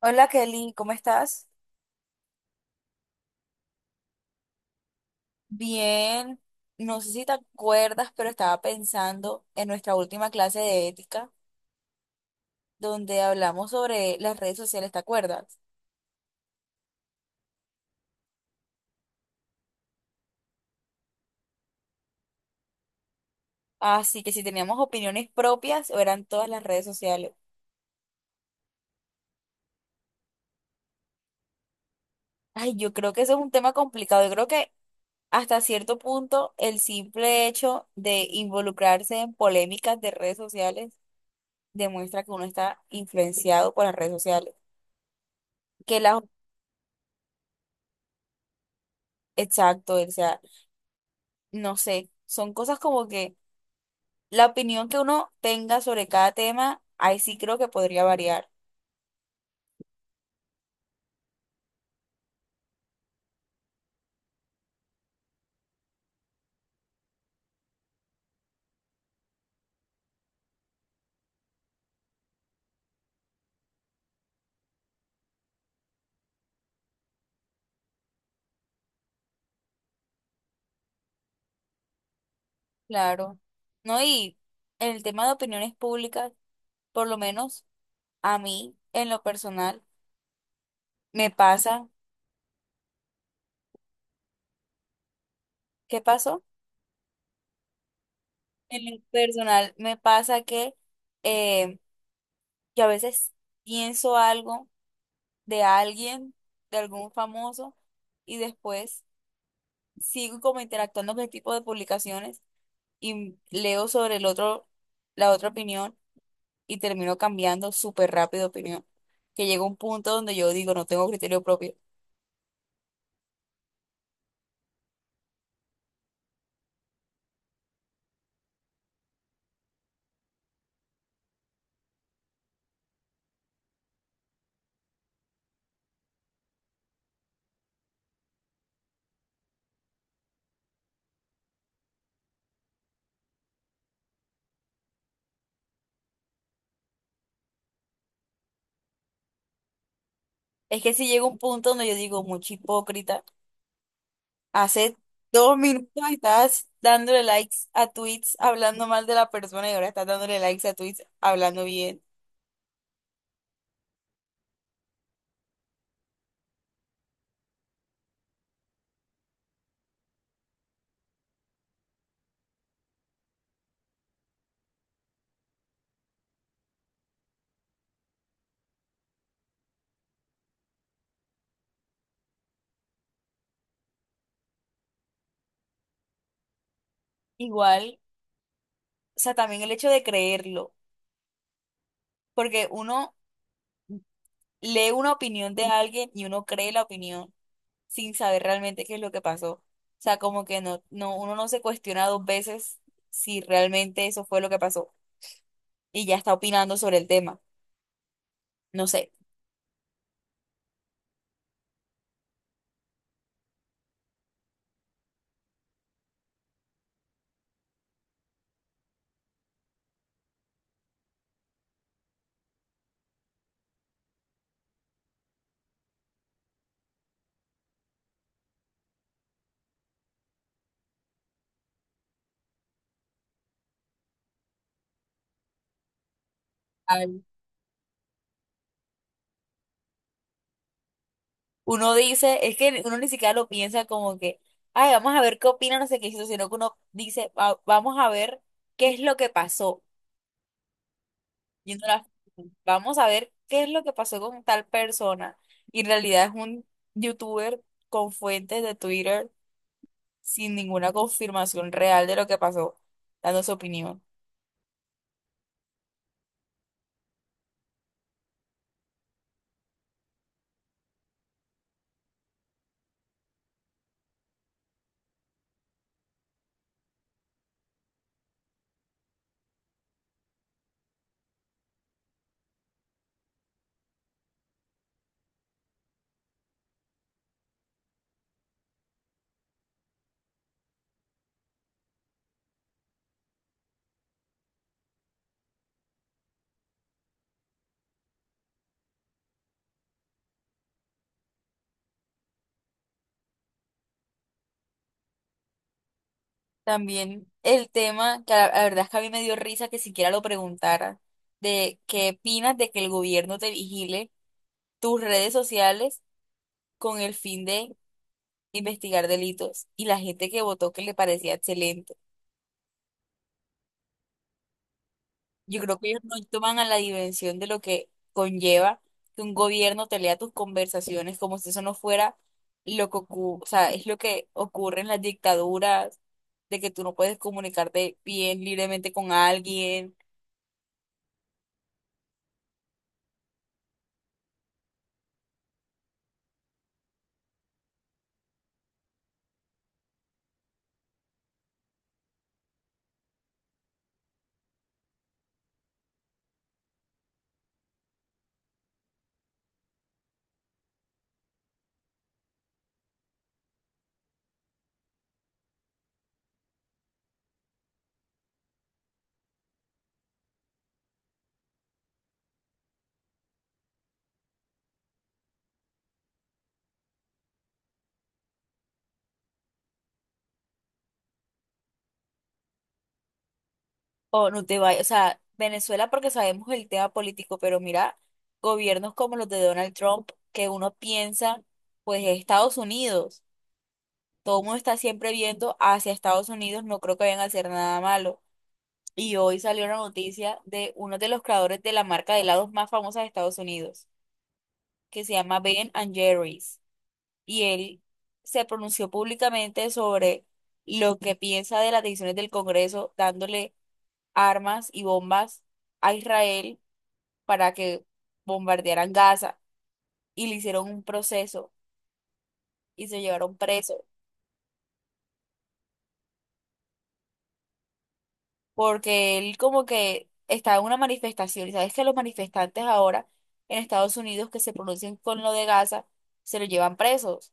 Hola Kelly, ¿cómo estás? Bien, no sé si te acuerdas, pero estaba pensando en nuestra última clase de ética, donde hablamos sobre las redes sociales, ¿te acuerdas? Así que si teníamos opiniones propias o eran todas las redes sociales. Ay, yo creo que eso es un tema complicado. Yo creo que hasta cierto punto el simple hecho de involucrarse en polémicas de redes sociales demuestra que uno está influenciado por las redes sociales. Que las, exacto, o sea, no sé, son cosas como que la opinión que uno tenga sobre cada tema, ahí sí creo que podría variar, claro. No, y en el tema de opiniones públicas, por lo menos a mí, en lo personal, me pasa. ¿Qué pasó? En lo personal, me pasa eh, que a veces pienso algo de alguien, de algún famoso, y después sigo como interactuando con el tipo de publicaciones y leo sobre el otro, la otra opinión, y termino cambiando súper rápido de opinión. Que llega un punto donde yo digo, no tengo criterio propio. Es que si llega un punto donde yo digo, mucho hipócrita, hace 2 minutos estás dándole likes a tweets hablando mal de la persona y ahora estás dándole likes a tweets hablando bien. Igual, o sea, también el hecho de creerlo, porque uno lee una opinión de alguien y uno cree la opinión sin saber realmente qué es lo que pasó. O sea, como que uno no se cuestiona dos veces si realmente eso fue lo que pasó, y ya está opinando sobre el tema. No sé. al- Uno dice, es que uno ni siquiera lo piensa como que, ay, vamos a ver qué opina, no sé qué hizo, sino que uno dice, "Va- vamos a ver qué es lo que pasó". Y vamos a ver qué es lo que pasó con tal persona. Y en realidad es un youtuber con fuentes de Twitter sin ninguna confirmación real de lo que pasó, dando su opinión. También el tema, que la verdad es que a mí me dio risa que siquiera lo preguntara, de qué opinas de que el gobierno te vigile tus redes sociales con el fin de investigar delitos y la gente que votó que le parecía excelente. Yo creo que ellos no toman a la dimensión de lo que conlleva que un gobierno te lea tus conversaciones como si eso no fuera lo que ocurre, o sea, es lo que ocurre en las dictaduras, de que tú no puedes comunicarte bien libremente con alguien. O no te vayas, o sea, Venezuela porque sabemos el tema político, pero mira, gobiernos como los de Donald Trump, que uno piensa, pues es Estados Unidos, todo el mundo está siempre viendo hacia Estados Unidos, no creo que vayan a hacer nada malo. Y hoy salió una noticia de uno de los creadores de la marca de helados más famosa de Estados Unidos, que se llama Ben and Jerry's, y él se pronunció públicamente sobre lo que piensa de las decisiones del Congreso, dándole armas y bombas a Israel para que bombardearan Gaza, y le hicieron un proceso y se llevaron preso porque él como que estaba en una manifestación, y sabes que los manifestantes ahora en Estados Unidos que se pronuncian con lo de Gaza se lo llevan presos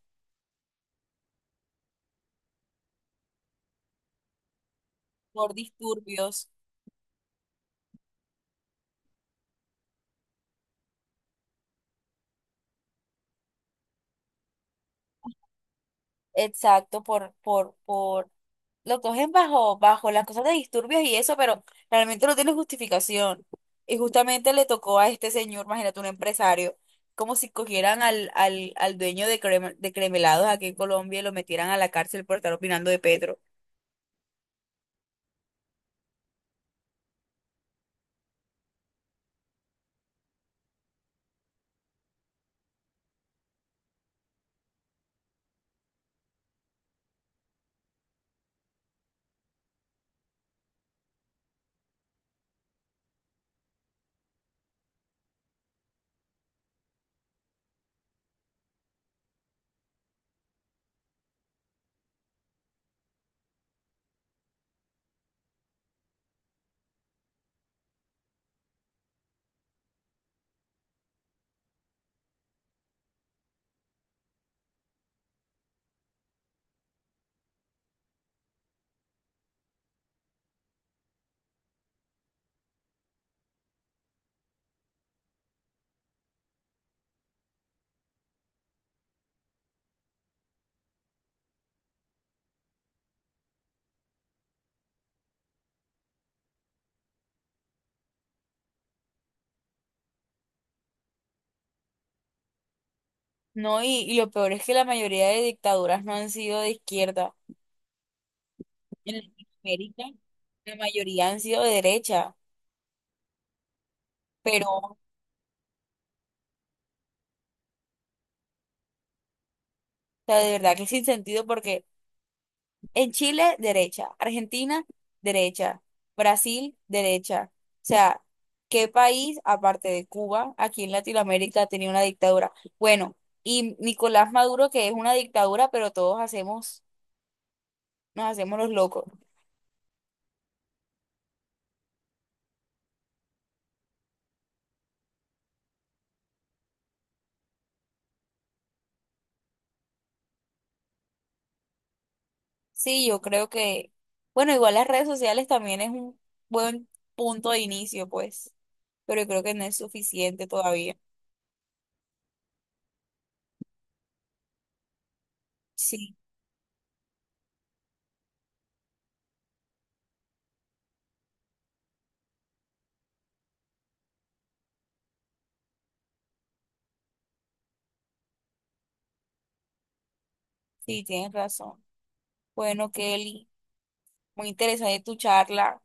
por disturbios, exacto, por lo cogen bajo las cosas de disturbios y eso, pero realmente no tiene justificación. Y justamente le tocó a este señor, imagínate, un empresario, como si cogieran al dueño de, de cremelados aquí en Colombia y lo metieran a la cárcel por estar opinando de Petro. No, y lo peor es que la mayoría de dictaduras no han sido de izquierda. En Latinoamérica, la mayoría han sido de derecha, pero, o sea, de verdad que sin sentido porque en Chile, derecha. Argentina, derecha. Brasil, derecha. O sea, ¿qué país, aparte de Cuba, aquí en Latinoamérica tenía una dictadura? Bueno, y Nicolás Maduro, que es una dictadura, pero todos hacemos, nos hacemos los locos. Sí, yo creo que, bueno, igual las redes sociales también es un buen punto de inicio, pues, pero yo creo que no es suficiente todavía. Sí, sí, tienes razón. Bueno, Kelly, muy interesante tu charla,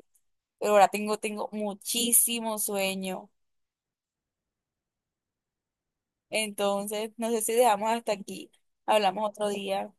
pero ahora tengo muchísimo sueño. Entonces, no sé si dejamos hasta aquí. Hablamos otro día.